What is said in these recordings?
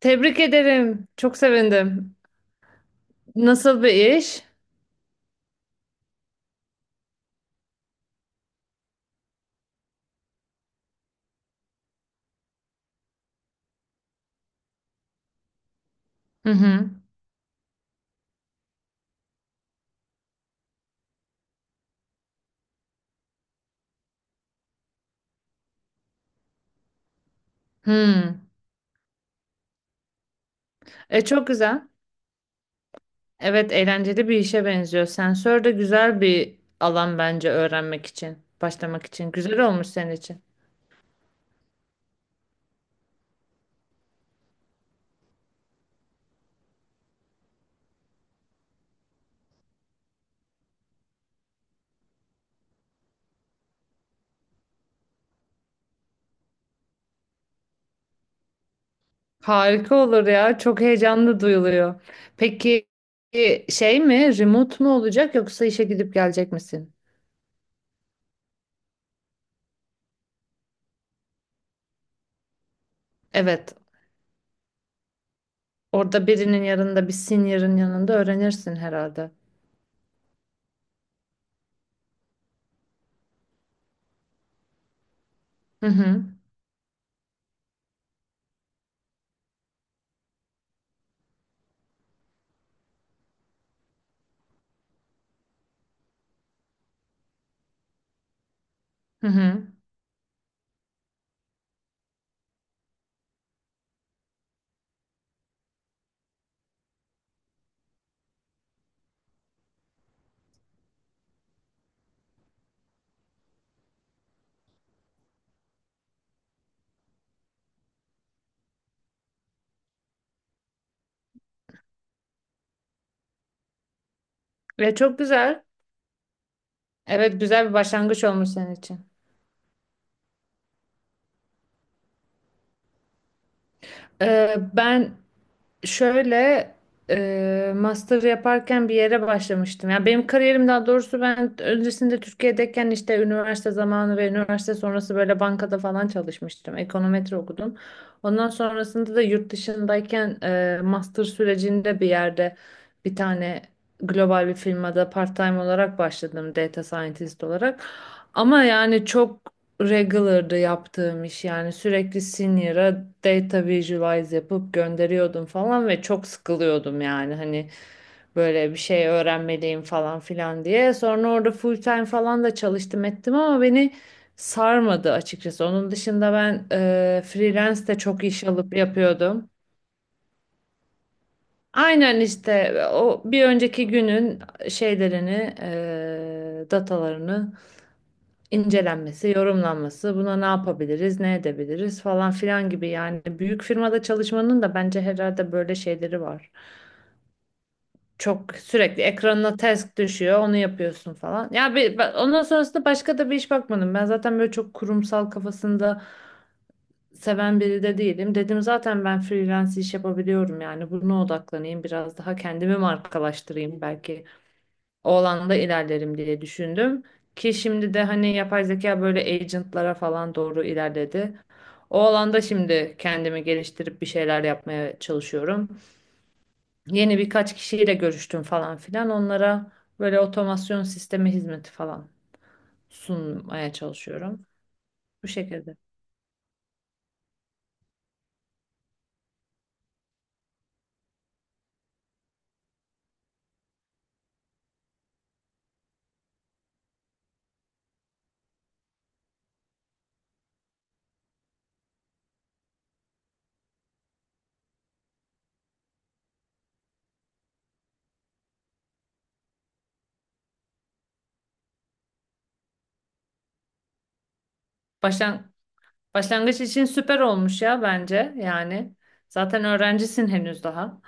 Tebrik ederim. Çok sevindim. Nasıl bir iş? Hı hı. Hı. E çok güzel. Evet, eğlenceli bir işe benziyor. Sensör de güzel bir alan bence öğrenmek için, başlamak için. Güzel olmuş senin için. Harika olur ya. Çok heyecanlı duyuluyor. Peki şey mi, remote mu olacak yoksa işe gidip gelecek misin? Evet. Orada birinin yanında, bir senior'ın yanında öğrenirsin herhalde. Hı hı. Hı hı. Ve çok güzel. Evet, güzel bir başlangıç olmuş senin için. Ben şöyle master yaparken bir yere başlamıştım. Yani benim kariyerim, daha doğrusu ben öncesinde Türkiye'deyken işte üniversite zamanı ve üniversite sonrası böyle bankada falan çalışmıştım. Ekonometri okudum. Ondan sonrasında da yurt dışındayken master sürecinde bir yerde bir tane global bir firmada part-time olarak başladım, data scientist olarak. Ama yani çok regular'da yaptığım iş, yani sürekli senior'a data visualize yapıp gönderiyordum falan ve çok sıkılıyordum, yani hani böyle bir şey öğrenmeliyim falan filan diye. Sonra orada full time falan da çalıştım ettim ama beni sarmadı açıkçası. Onun dışında ben freelance de çok iş alıp yapıyordum. Aynen işte o bir önceki günün şeylerini, datalarını incelenmesi, yorumlanması, buna ne yapabiliriz, ne edebiliriz falan filan gibi. Yani büyük firmada çalışmanın da bence herhalde böyle şeyleri var. Çok sürekli ekranına task düşüyor, onu yapıyorsun falan. Ya bir, ondan sonrasında başka da bir iş bakmadım. Ben zaten böyle çok kurumsal kafasında seven biri de değilim. Dedim zaten ben freelance iş yapabiliyorum, yani buna odaklanayım, biraz daha kendimi markalaştırayım belki. O alanda ilerlerim diye düşündüm. Ki şimdi de hani yapay zeka böyle agentlara falan doğru ilerledi. O alanda şimdi kendimi geliştirip bir şeyler yapmaya çalışıyorum. Yeni birkaç kişiyle görüştüm falan filan. Onlara böyle otomasyon sistemi hizmeti falan sunmaya çalışıyorum. Bu şekilde. Başlan başlangıç için süper olmuş ya bence yani. Zaten öğrencisin henüz daha.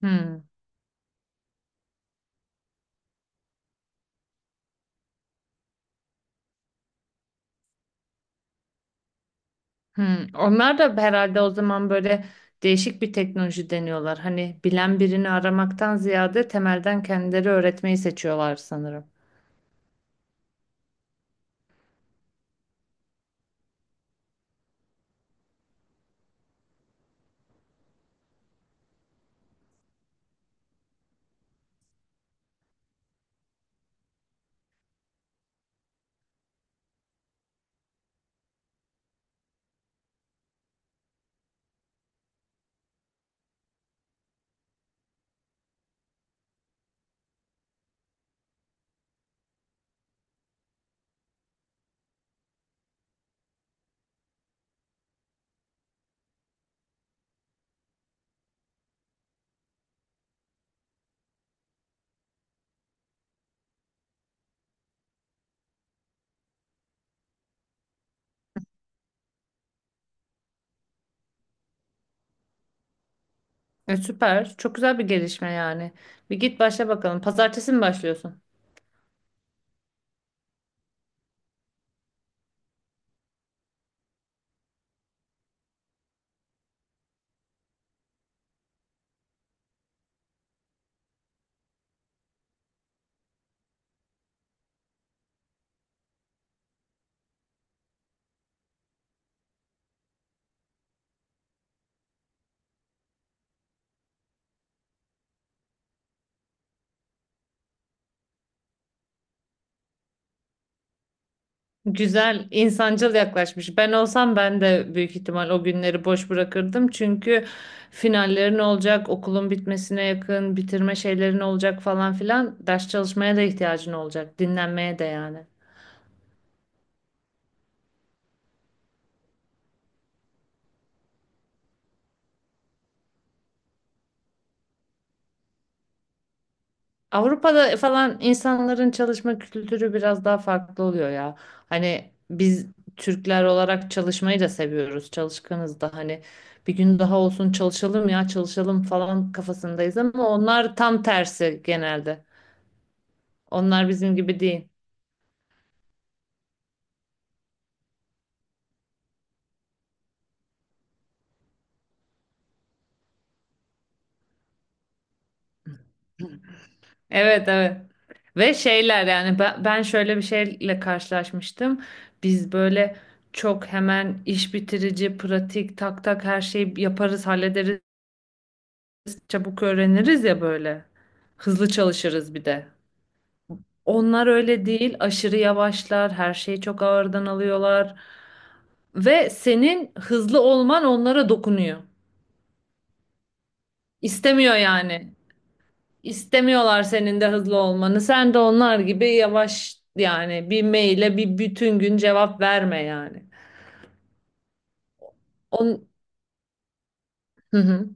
Hmm. Hmm, onlar da herhalde o zaman böyle değişik bir teknoloji deniyorlar. Hani bilen birini aramaktan ziyade temelden kendileri öğretmeyi seçiyorlar sanırım. E, süper. Çok güzel bir gelişme yani. Bir git başla bakalım. Pazartesi mi başlıyorsun? Güzel, insancıl yaklaşmış. Ben olsam ben de büyük ihtimal o günleri boş bırakırdım. Çünkü finallerin olacak, okulun bitmesine yakın, bitirme şeylerin olacak falan filan. Ders çalışmaya da ihtiyacın olacak, dinlenmeye de yani. Avrupa'da falan insanların çalışma kültürü biraz daha farklı oluyor ya. Hani biz Türkler olarak çalışmayı da seviyoruz. Çalışkanız da, hani bir gün daha olsun çalışalım ya, çalışalım falan kafasındayız ama onlar tam tersi genelde. Onlar bizim gibi değil. Evet, evet. Ve şeyler yani, ben şöyle bir şeyle karşılaşmıştım. Biz böyle çok hemen iş bitirici, pratik, tak tak her şeyi yaparız, hallederiz. Çabuk öğreniriz ya böyle. Hızlı çalışırız bir de. Onlar öyle değil, aşırı yavaşlar, her şeyi çok ağırdan alıyorlar ve senin hızlı olman onlara dokunuyor. İstemiyor yani. İstemiyorlar senin de hızlı olmanı. Sen de onlar gibi yavaş, yani bir maile bir bütün gün cevap verme yani. On... Hı hı.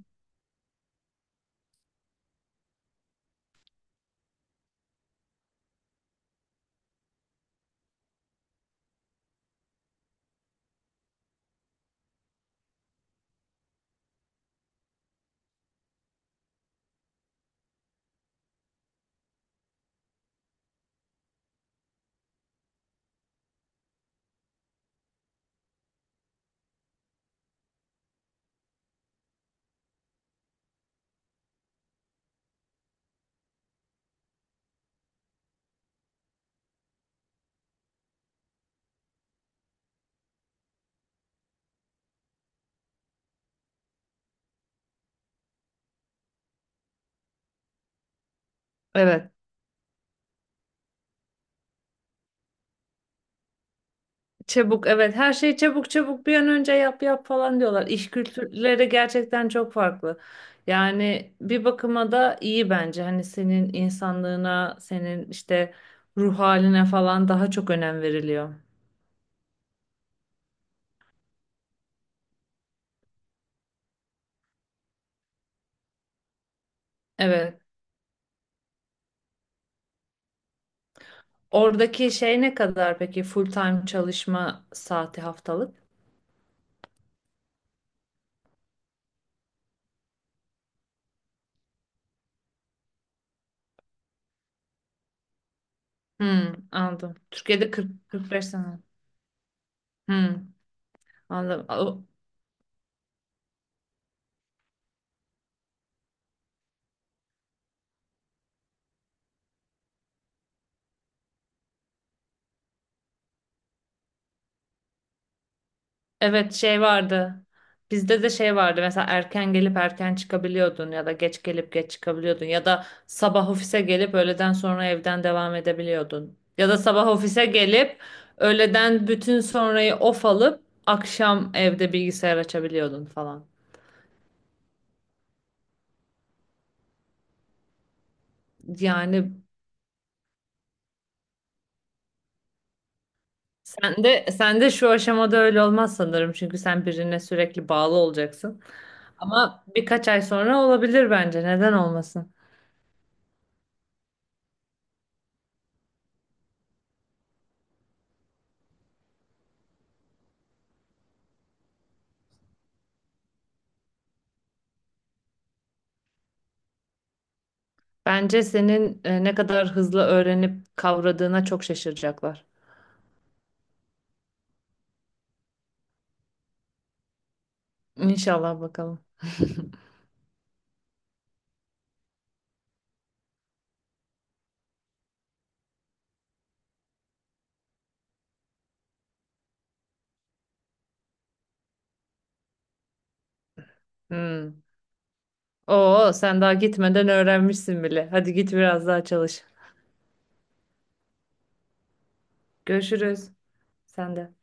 Evet. Çabuk, evet, her şeyi çabuk çabuk bir an önce yap yap falan diyorlar. İş kültürleri gerçekten çok farklı. Yani bir bakıma da iyi bence. Hani senin insanlığına, senin işte ruh haline falan daha çok önem veriliyor. Evet. Oradaki şey ne kadar peki, full time çalışma saati haftalık? Hmm, anladım. Türkiye'de 40 45 sene. Hmm, anladım. Evet, şey vardı. Bizde de şey vardı. Mesela erken gelip erken çıkabiliyordun, ya da geç gelip geç çıkabiliyordun, ya da sabah ofise gelip öğleden sonra evden devam edebiliyordun. Ya da sabah ofise gelip öğleden bütün sonrayı off alıp akşam evde bilgisayar açabiliyordun falan. Yani sen de şu aşamada öyle olmaz sanırım, çünkü sen birine sürekli bağlı olacaksın. Ama birkaç ay sonra olabilir bence. Neden olmasın? Bence senin ne kadar hızlı öğrenip kavradığına çok şaşıracaklar. İnşallah bakalım. Hmm. Oo, sen daha gitmeden öğrenmişsin bile. Hadi git biraz daha çalış. Görüşürüz. Sen de.